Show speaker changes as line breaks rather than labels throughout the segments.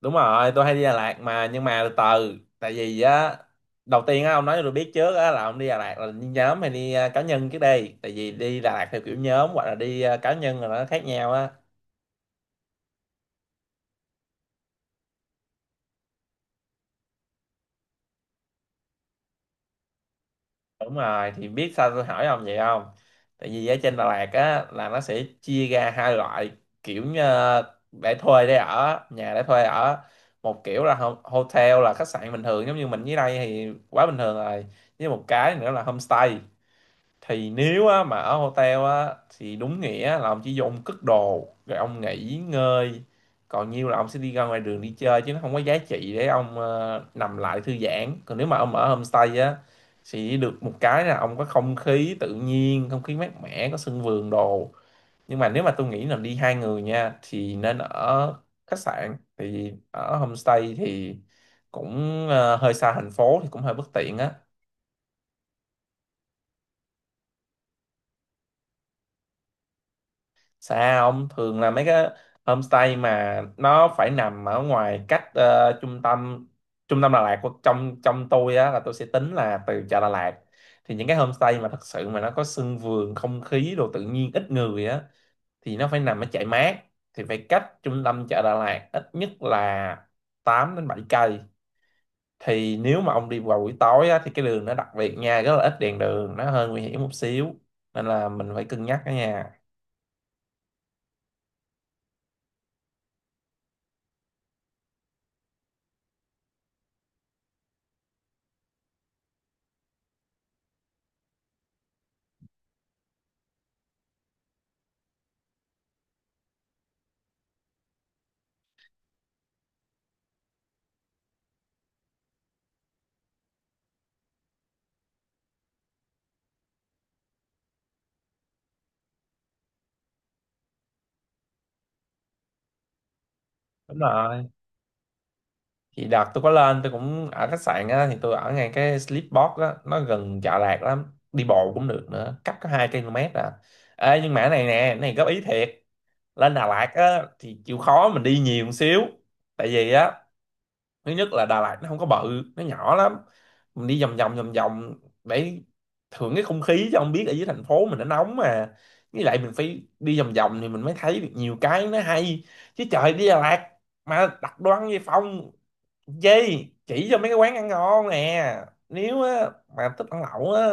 Đúng rồi, tôi hay đi Đà Lạt mà. Nhưng mà từ từ, tại vì á, đầu tiên á, ông nói cho tôi biết trước á, là ông đi Đà Lạt là đi nhóm hay đi cá nhân. Trước đây tại vì đi Đà Lạt theo kiểu nhóm hoặc là đi cá nhân là nó khác nhau á. Đúng rồi thì biết sao tôi hỏi ông vậy không? Tại vì ở trên Đà Lạt á là nó sẽ chia ra hai loại, kiểu như để thuê, để ở, nhà để thuê ở. Một kiểu là hotel là khách sạn bình thường, giống như mình dưới đây thì quá bình thường rồi. Với một cái nữa là homestay. Thì nếu á, mà ở hotel á thì đúng nghĩa là ông chỉ vô ông cất đồ rồi ông nghỉ ngơi, còn nhiêu là ông sẽ đi ra ngoài đường đi chơi, chứ nó không có giá trị để ông nằm lại thư giãn. Còn nếu mà ông ở homestay á thì được một cái là ông có không khí tự nhiên, không khí mát mẻ, có sân vườn đồ. Nhưng mà nếu mà tôi nghĩ là đi hai người nha thì nên ở khách sạn. Thì ở homestay thì cũng hơi xa thành phố thì cũng hơi bất tiện á. Xa, ông, thường là mấy cái homestay mà nó phải nằm ở ngoài, cách trung tâm, trung tâm Đà Lạt, của trong trong tôi á là tôi sẽ tính là từ chợ Đà Lạt. Thì những cái homestay mà thật sự mà nó có sân vườn, không khí đồ tự nhiên, ít người á, thì nó phải nằm ở chạy mát. Thì phải cách trung tâm chợ Đà Lạt ít nhất là 8 đến 7 cây. Thì nếu mà ông đi vào buổi tối á, thì cái đường nó đặc biệt nha, rất là ít đèn đường, nó hơi nguy hiểm một xíu, nên là mình phải cân nhắc đó nha. Đúng rồi, thì đợt tôi có lên tôi cũng ở khách sạn á, thì tôi ở ngay cái Sleepbox á, nó gần Chợ Lạc lắm, đi bộ cũng được nữa, cách có 2 km à. Ê, nhưng mà cái này nè, cái này góp ý thiệt, lên Đà Lạt á thì chịu khó mình đi nhiều một xíu. Tại vì á, thứ nhất là Đà Lạt nó không có bự, nó nhỏ lắm, mình đi vòng vòng vòng vòng để thưởng cái không khí, chứ không biết ở dưới thành phố mình nó nóng mà. Với lại mình phải đi vòng vòng thì mình mới thấy được nhiều cái nó hay, chứ trời đi Đà Lạt mà đặt đồ ăn về phòng gì. Chỉ cho mấy cái quán ăn ngon nè, nếu á, mà thích ăn lẩu á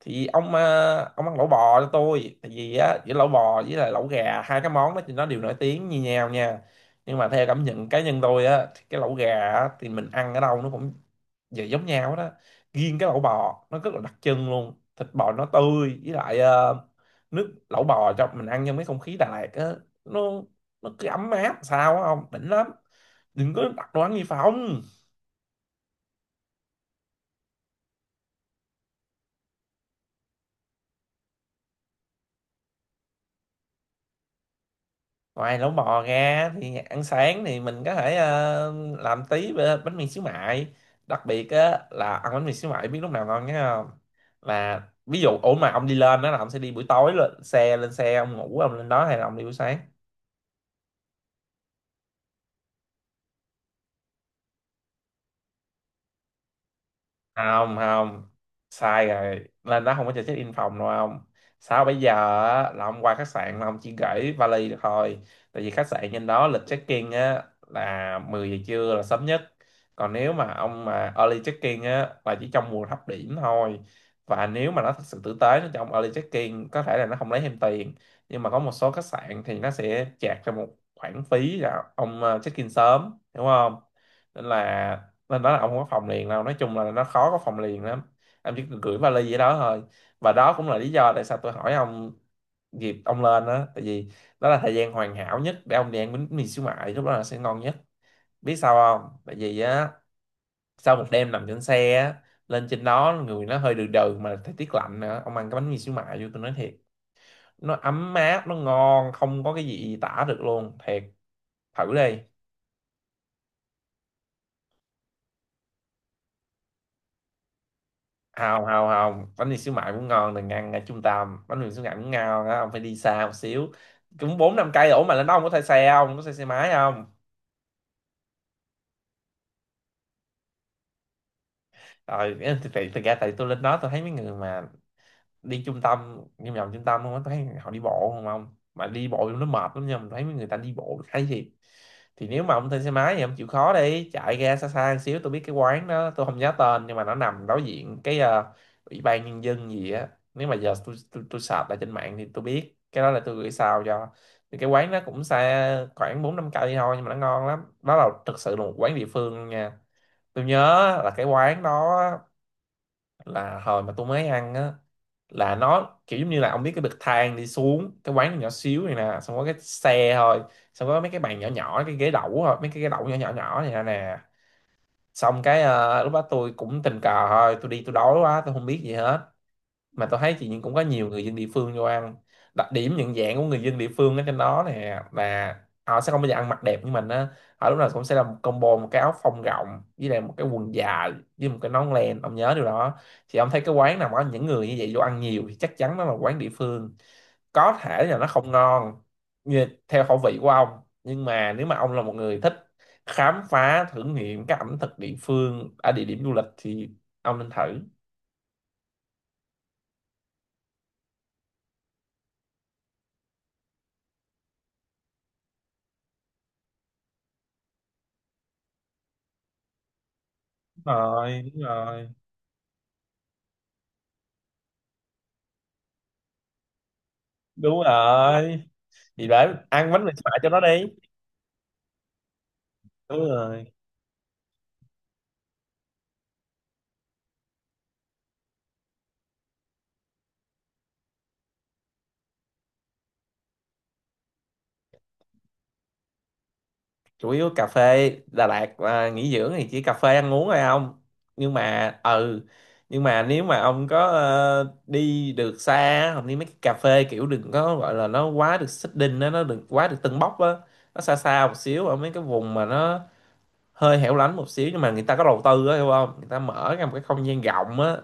thì ông ông ăn lẩu bò cho tôi. Tại vì á, giữa lẩu bò với lại lẩu gà, hai cái món đó thì nó đều nổi tiếng như nhau nha, nhưng mà theo cảm nhận cá nhân tôi á thì cái lẩu gà á, thì mình ăn ở đâu nó cũng về giống nhau đó. Riêng cái lẩu bò nó rất là đặc trưng luôn, thịt bò nó tươi với lại nước lẩu bò, cho mình ăn trong cái không khí Đà Lạt á, nó nó cứ ấm áp sao á, ông, đỉnh lắm. Đừng có đặt đồ ăn gì phòng. Ngoài lẩu bò ra thì ăn sáng thì mình có thể làm tí bánh mì xíu mại. Đặc biệt á, là ăn bánh mì xíu mại biết lúc nào ngon nhé không? Là ví dụ, ủa mà ông đi lên đó là ông sẽ đi buổi tối, lên xe, lên xe ông ngủ, ông lên đó, hay là ông đi buổi sáng? Không, không, sai rồi, lên đó không có cho check in phòng đâu ông. Sao bây giờ? Á, là ông qua khách sạn mà ông chỉ gửi vali được thôi. Tại vì khách sạn trên đó lịch check in á là 10 giờ trưa là sớm nhất. Còn nếu mà ông mà early check in á là chỉ trong mùa thấp điểm thôi, và nếu mà nó thật sự tử tế nó cho ông early check in, có thể là nó không lấy thêm tiền. Nhưng mà có một số khách sạn thì nó sẽ chạc cho một khoản phí là ông check in sớm, đúng không? Nên là, nên đó là ông không có phòng liền đâu, nói chung là nó khó có phòng liền lắm, em chỉ cần gửi vali vậy đó thôi. Và đó cũng là lý do tại sao tôi hỏi ông dịp ông lên đó, tại vì đó là thời gian hoàn hảo nhất để ông đi ăn bánh mì xíu mại, lúc đó là sẽ ngon nhất. Biết sao không? Tại vì á, sau một đêm nằm trên xe á, lên trên đó người nó hơi đừ đừ, mà thời tiết lạnh nữa, ông ăn cái bánh mì xíu mại vô, tôi nói thiệt, nó ấm áp, nó ngon không có cái gì tả được luôn, thiệt, thử đi. Không, không, không, bánh mì xíu mại cũng ngon, đừng ăn ở trung tâm, bánh mì xíu mại cũng ngon á, ông phải đi xa một xíu, cũng 4 5 cây. Ủa mà lên đó ông có thuê xe không, có thuê xe máy không? Rồi thì thật ra tại tôi lên đó tôi thấy mấy người mà đi trung tâm, đi vòng trung tâm, không thấy họ đi bộ không, ông mà đi bộ nó mệt lắm nha, mình thấy mấy người ta đi bộ thấy thiệt. Thì nếu mà ông thuê xe máy thì ông chịu khó đi chạy ra xa xa một xíu, tôi biết cái quán đó, tôi không nhớ tên nhưng mà nó nằm đối diện cái ủy ban nhân dân gì á. Nếu mà giờ tôi search lại trên mạng thì tôi biết cái đó, là tôi gửi sao cho. Thì cái quán nó cũng xa khoảng 4 5 cây thôi, nhưng mà nó ngon lắm, đó là thực sự là một quán địa phương luôn nha. Tôi nhớ là cái quán đó, là hồi mà tôi mới ăn á, là nó kiểu giống như là ông biết, cái bậc thang đi xuống cái quán nhỏ xíu này nè, xong có cái xe thôi, xong có mấy cái bàn nhỏ nhỏ, cái ghế đẩu thôi, mấy cái ghế đẩu nhỏ nhỏ nhỏ này nè nè. Xong cái lúc đó tôi cũng tình cờ thôi, tôi đi tôi đói quá, tôi không biết gì hết, mà tôi thấy thì cũng có nhiều người dân địa phương vô ăn. Đặc điểm nhận dạng của người dân địa phương ở trên đó nè, là họ sẽ không bao giờ ăn mặc đẹp như mình á, họ lúc nào cũng sẽ là một combo, một cái áo phông rộng với lại một cái quần dài, với một cái nón len, ông nhớ điều đó. Thì ông thấy cái quán nào mà có những người như vậy vô ăn nhiều thì chắc chắn nó là quán địa phương. Có thể là nó không ngon như theo khẩu vị của ông, nhưng mà nếu mà ông là một người thích khám phá, thử nghiệm các ẩm thực địa phương ở địa điểm du lịch thì ông nên thử. Đúng rồi, đúng rồi. Đúng rồi. Thì để ăn bánh mì xoài cho nó đi. Đúng rồi. Chủ yếu cà phê Đà Lạt à, nghỉ dưỡng thì chỉ cà phê ăn uống thôi ông. Nhưng mà ừ nhưng mà nếu mà ông có đi được xa, không đi mấy cái cà phê kiểu đừng có gọi là nó quá được xích đinh á, nó đừng quá được tưng bốc á. Nó xa xa một xíu ở mấy cái vùng mà nó hơi hẻo lánh một xíu, nhưng mà người ta có đầu tư á, hiểu không, người ta mở ra một cái không gian rộng á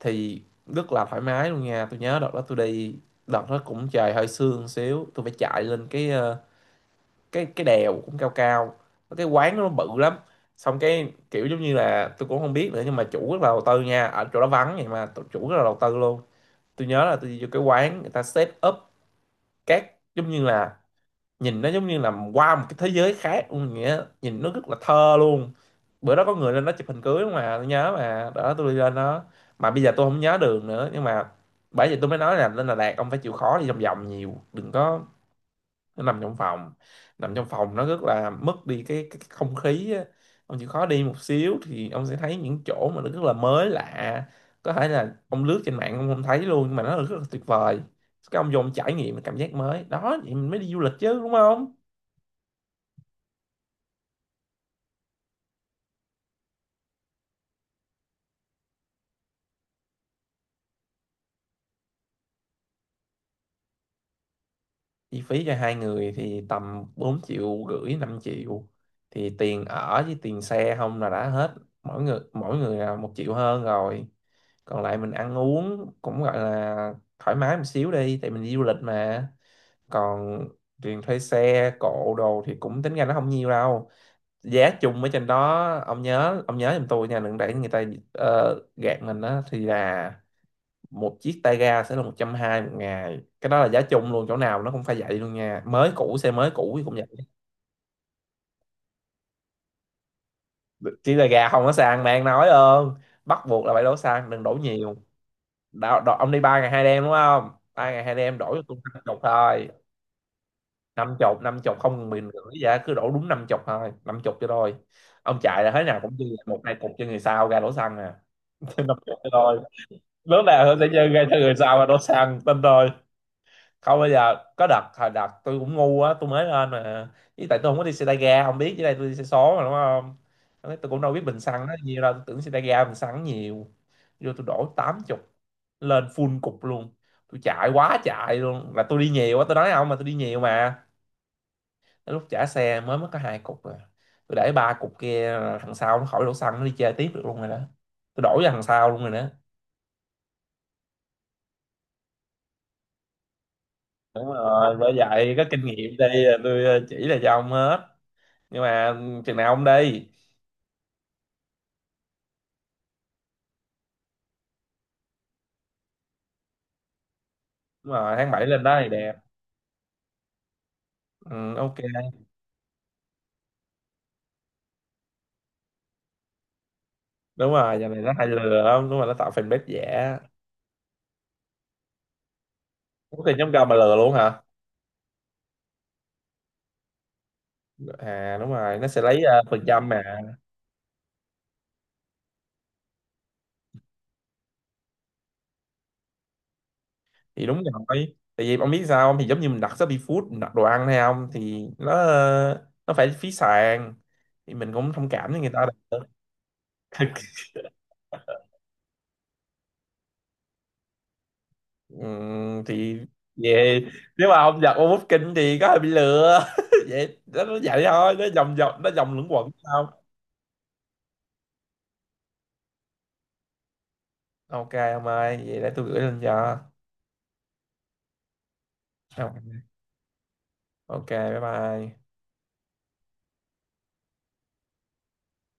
thì rất là thoải mái luôn nha. Tôi nhớ đợt đó tôi đi, đợt đó cũng trời hơi sương xíu, tôi phải chạy lên cái ờ, cái đèo cũng cao cao. Có cái quán đó nó bự lắm, xong cái kiểu giống như là tôi cũng không biết nữa, nhưng mà chủ rất là đầu tư nha, ở chỗ đó vắng vậy mà chủ rất là đầu tư luôn. Tôi nhớ là tôi đi vô cái quán, người ta set up các giống như là nhìn nó giống như là qua một cái thế giới khác luôn, nghĩa nhìn nó rất là thơ luôn. Bữa đó có người lên đó chụp hình cưới mà, tôi nhớ mà đó, tôi đi lên đó mà bây giờ tôi không nhớ đường nữa. Nhưng mà bởi vậy tôi mới nói là lên Đà Lạt ông phải chịu khó đi vòng vòng nhiều, đừng có nằm trong phòng. Nằm trong phòng nó rất là mất đi cái không khí á. Ông chịu khó đi một xíu thì ông sẽ thấy những chỗ mà nó rất là mới lạ, có thể là ông lướt trên mạng ông không thấy luôn nhưng mà nó rất là tuyệt vời. Cái ông vô ông trải nghiệm cái cảm giác mới đó, vậy mình mới đi du lịch chứ đúng không? Chi phí cho hai người thì tầm 4,5 triệu, 5 triệu, thì tiền ở với tiền xe không là đã hết. Mỗi người là 1 triệu hơn rồi, còn lại mình ăn uống cũng gọi là thoải mái một xíu đi, tại mình đi du lịch mà. Còn tiền thuê xe cộ đồ thì cũng tính ra nó không nhiều đâu. Giá chung ở trên đó, ông nhớ giùm tôi nha, đừng để người ta gạt mình đó, thì là một chiếc tay ga sẽ là 120 một ngày, cái đó là giá chung luôn, chỗ nào nó cũng phải vậy luôn nha, mới cũ xe mới cũ thì cũng vậy. Chỉ là gà không có xăng bạn nói ơn, bắt buộc là phải đổ xăng, đừng đổ nhiều. Đo, đo, Ông đi 3 ngày 2 đêm đúng không, 3 ngày 2 đêm đổ cho tôi năm chục thôi. Năm chục không ngừng bình rưỡi, vậy cứ đổ đúng năm chục thôi, năm chục cho thôi. Ông chạy là thế nào cũng dư một hai cục cho người sau ra đổ xăng nè. Năm chục cho thôi. Lớn nào hơn sẽ dư ra cho người sau ra đổ xăng tin rồi. Không, bây giờ có đợt hồi đợt tôi cũng ngu á, tôi mới lên mà, với tại tôi không có đi xe tay ga không biết, với đây tôi đi xe số mà đúng không. Lúc ấy tôi cũng đâu biết bình xăng nó nhiều đâu, tôi tưởng xe tay ga bình xăng nhiều, vô tôi đổ 80 lên full cục luôn. Tôi chạy quá chạy luôn, là tôi đi nhiều á, tôi nói không mà tôi đi nhiều mà. Tới lúc trả xe mới mất có hai cục rồi, tôi để ba cục kia là thằng sau nó khỏi đổ xăng, nó đi chơi tiếp được luôn rồi đó, tôi đổ cho thằng sau luôn rồi đó. Đúng rồi, bởi vậy có kinh nghiệm đây là tôi chỉ là cho ông hết. Nhưng mà chừng nào ông đi? Đúng rồi, tháng 7 lên đó thì đẹp. Ừ, ok. Đúng rồi, giờ này nó hay lừa lắm, đúng rồi, nó tạo fanpage giả. Có tiền chấm cơm mà lừa luôn hả? À đúng rồi, nó sẽ lấy phần trăm mà. Thì đúng rồi. Tại vì ông biết sao không, thì giống như mình đặt Shopee Food mình đặt đồ ăn hay không, thì nó phải phí sàn, thì mình cũng thông cảm với người ta được. Thì về, nếu mà ông giật ông bút thì có hơi bị lừa vậy đó, nó vậy thôi, nó vòng vòng, nó vòng luẩn quẩn. Ok ông ơi, vậy để tôi gửi lên cho. Ok, bye bye.